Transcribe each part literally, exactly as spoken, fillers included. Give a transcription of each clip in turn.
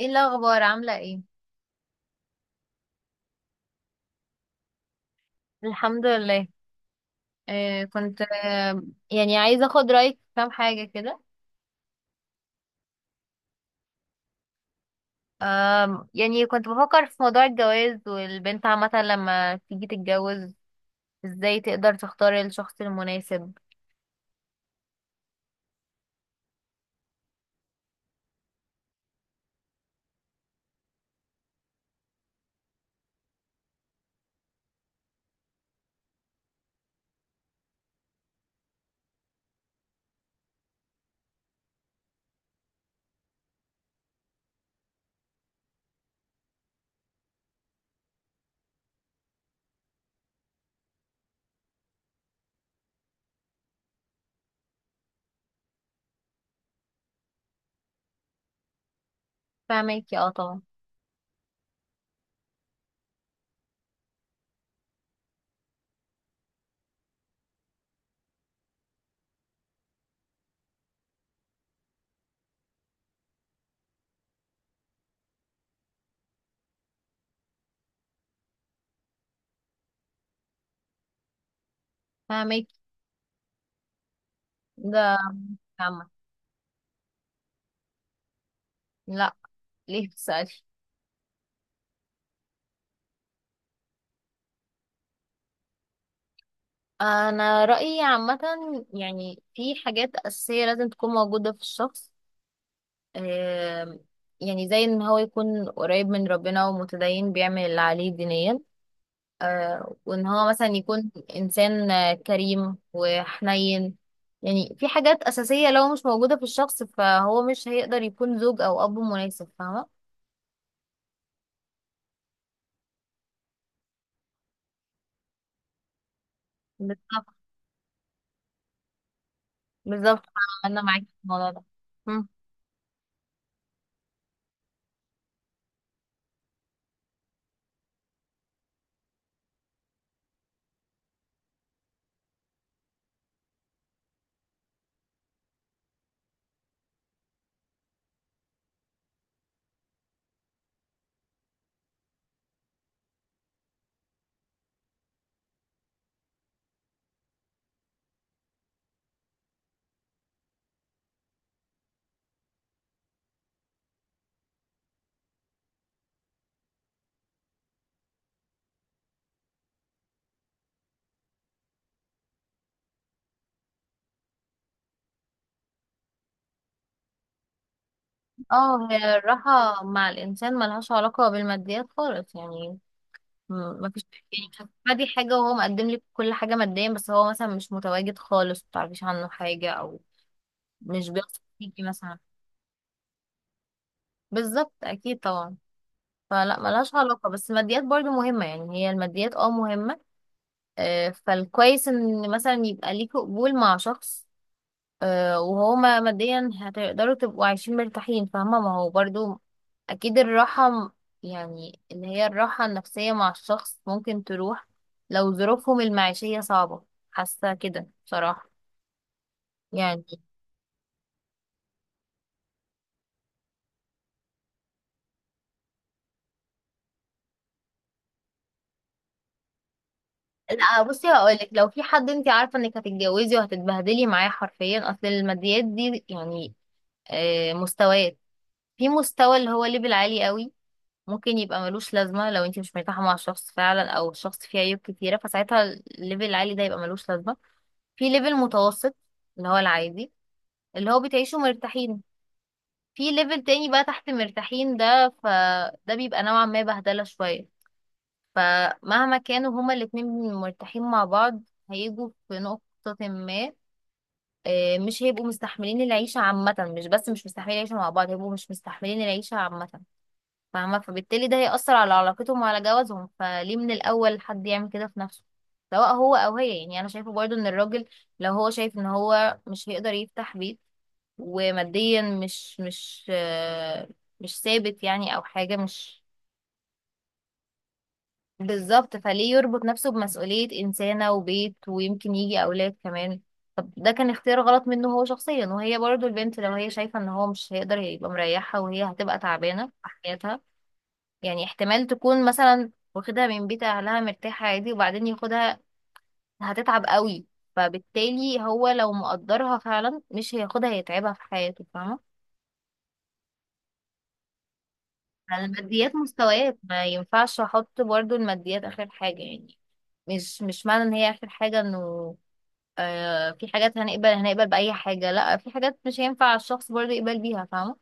ايه الاخبار؟ عامله ايه؟ الحمد لله. آه كنت آه يعني عايزه اخد رايك في كام حاجه كده. آه يعني كنت بفكر في موضوع الجواز والبنت عامه لما تيجي تتجوز ازاي تقدر تختار الشخص المناسب. فاهمك اه طبعا. فاهمك. ده عامه. لا. ليه بتسالي؟ آه، انا رايي عامه، يعني في حاجات اساسيه لازم تكون موجوده في الشخص. آم، يعني زي ان هو يكون قريب من ربنا ومتدين بيعمل اللي عليه دينيا، آه، وان هو مثلا يكون انسان آه، كريم وحنين. يعني في حاجات اساسية لو مش موجودة في الشخص فهو مش هيقدر يكون زوج او اب مناسب، فاهمة؟ بالظبط، بالظبط، انا معاكي في الموضوع ده. مم. اه، هي الراحة مع الانسان ملهاش علاقة بالماديات خالص يعني. م- مفيش. يعني بتدي حاجة وهو مقدم لك كل حاجة ماديا، بس هو مثلا مش متواجد خالص، متعرفيش عنه حاجة أو مش بيثق فيكي مثلا. بالظبط أكيد طبعا. فلا، ملهاش علاقة، بس الماديات برضو مهمة، يعني هي الماديات اه مهمة. آه، فالكويس إن مثلا يبقى ليكي قبول مع شخص، آه، وهما ماديا هتقدروا تبقوا عايشين مرتاحين، فاهمة؟ ما هو برضو أكيد الراحة م- يعني اللي هي الراحة النفسية مع الشخص ممكن تروح لو ظروفهم المعيشية صعبة. حاسة كده بصراحة يعني. لا بصي، هقولك لو في حد انت عارفة انك هتتجوزي وهتتبهدلي معاه حرفيا، اصل الماديات دي يعني آه، مستويات. في مستوى اللي هو ليفل عالي قوي، ممكن يبقى ملوش لازمة لو انت مش مرتاحة مع الشخص فعلا، او الشخص فيه عيوب كتيرة، فساعتها الليفل العالي ده يبقى ملوش لازمة. في ليفل متوسط اللي هو العادي، اللي هو بتعيشوا مرتاحين. في ليفل تاني بقى تحت مرتاحين ده، فده بيبقى نوعا ما بهدلة شوية. فمهما كانوا هما الاتنين مرتاحين مع بعض، هيجوا في نقطة ما، آه، مش هيبقوا مستحملين العيشة عامة، مش بس مش مستحملين العيشة مع بعض، هيبقوا مش مستحملين العيشة عامة. فاهمة؟ فبالتالي ده هيأثر على علاقتهم وعلى جوازهم، فليه من الأول حد يعمل كده في نفسه، سواء هو أو هي. يعني أنا شايفة برضو إن الراجل لو هو شايف إن هو مش هيقدر يفتح بيت، وماديا مش مش آه، مش ثابت يعني، أو حاجة مش بالظبط، فليه يربط نفسه بمسؤولية إنسانة وبيت ويمكن يجي أولاد كمان. طب ده كان اختيار غلط منه هو شخصيا. وهي برضو البنت لو هي شايفة إن هو مش هيقدر يبقى مريحها، وهي هتبقى تعبانة في حياتها، يعني احتمال تكون مثلا واخدها من بيت اهلها مرتاحة عادي، وبعدين ياخدها هتتعب قوي. فبالتالي هو لو مقدرها فعلا مش هياخدها هيتعبها في حياته، فاهمة؟ الماديات مستويات، ما ينفعش احط برضو الماديات اخر حاجة يعني. مش مش معنى ان هي اخر حاجة انه آه في حاجات هنقبل، هنقبل بأي حاجة، لا، في حاجات مش هينفع الشخص برضو يقبل بيها، فاهمة؟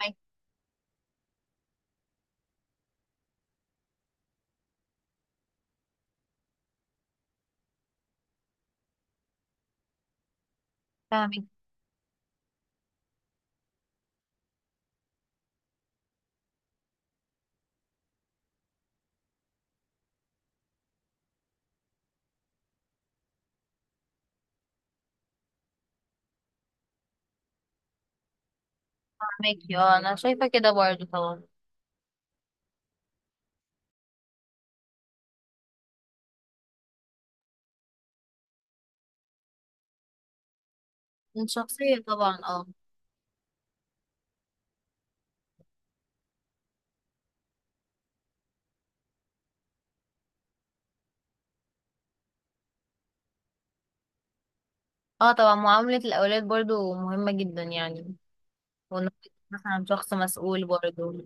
فاهمك فاهمك فاهمك اه، انا شايفة كده برضو طبعا. من شخصية طبعا، اه. اه طبعا، معاملة الأولاد برضو مهمة جدا يعني. وإنه مثلا شخص مسؤول برضو.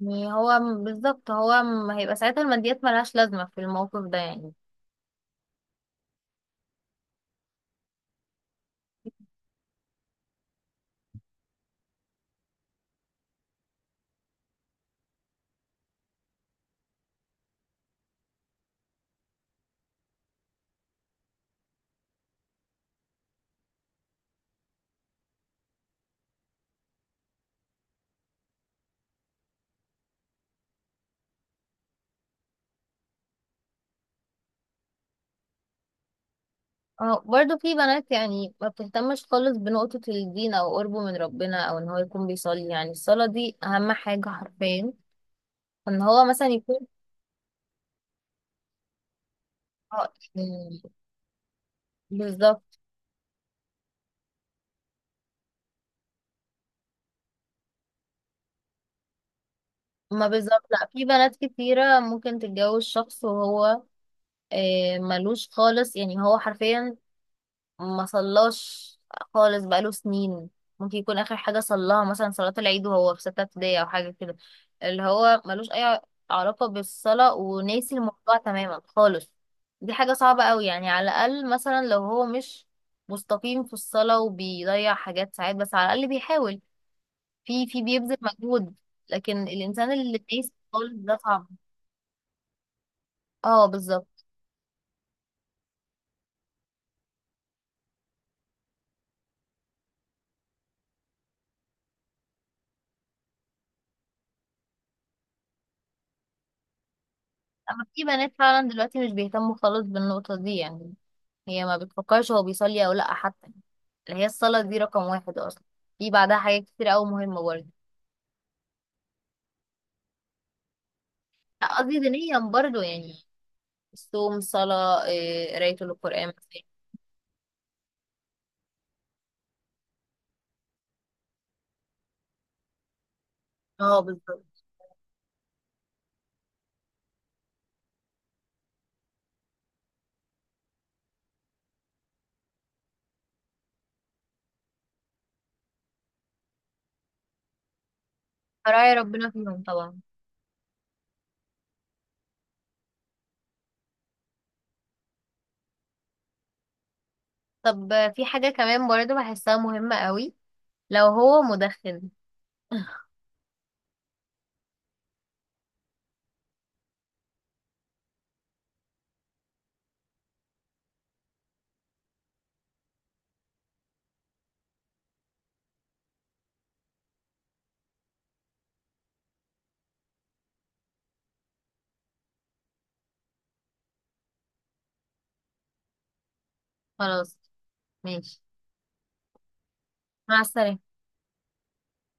يعني هو م- بالظبط، هو م- هيبقى ساعتها الماديات ملهاش لازمة في الموقف ده يعني. اه برضو، في بنات يعني ما بتهتمش خالص بنقطة الدين أو قربه من ربنا أو إن هو يكون بيصلي. يعني الصلاة دي أهم حاجة حرفيا، إن هو مثلا يكون اه يعني بالظبط. ما بالظبط، لا، في بنات كتيرة ممكن تتجوز شخص وهو آه، ملوش خالص يعني، هو حرفيا ما صلاش خالص بقاله سنين. ممكن يكون اخر حاجه صلاها مثلا صلاه العيد وهو في سته ابتدائي او حاجه كده، اللي هو ملوش اي علاقه بالصلاه، وناسي الموضوع تماما خالص. دي حاجه صعبه قوي. يعني على الاقل مثلا لو هو مش مستقيم في الصلاه وبيضيع حاجات ساعات، بس على الاقل بيحاول، في في بيبذل مجهود. لكن الانسان اللي ناسي خالص ده صعب. اه بالظبط. اما في بنات فعلا دلوقتي مش بيهتموا خالص بالنقطه دي يعني، هي ما بتفكرش هو بيصلي او لا حتى. اللي هي الصلاة دي رقم واحد اصلا. في بعدها حاجات كتير اوي مهمة برضه. لا، قصدي دينيا برضه، يعني الصوم، صلاة إيه، قراية القرآن مثلا. اه بالظبط، فراعي ربنا فيهم طبعا. طب في حاجة كمان برضه بحسها مهمة قوي، لو هو مدخن. خلاص. ماشي. مع السلامة.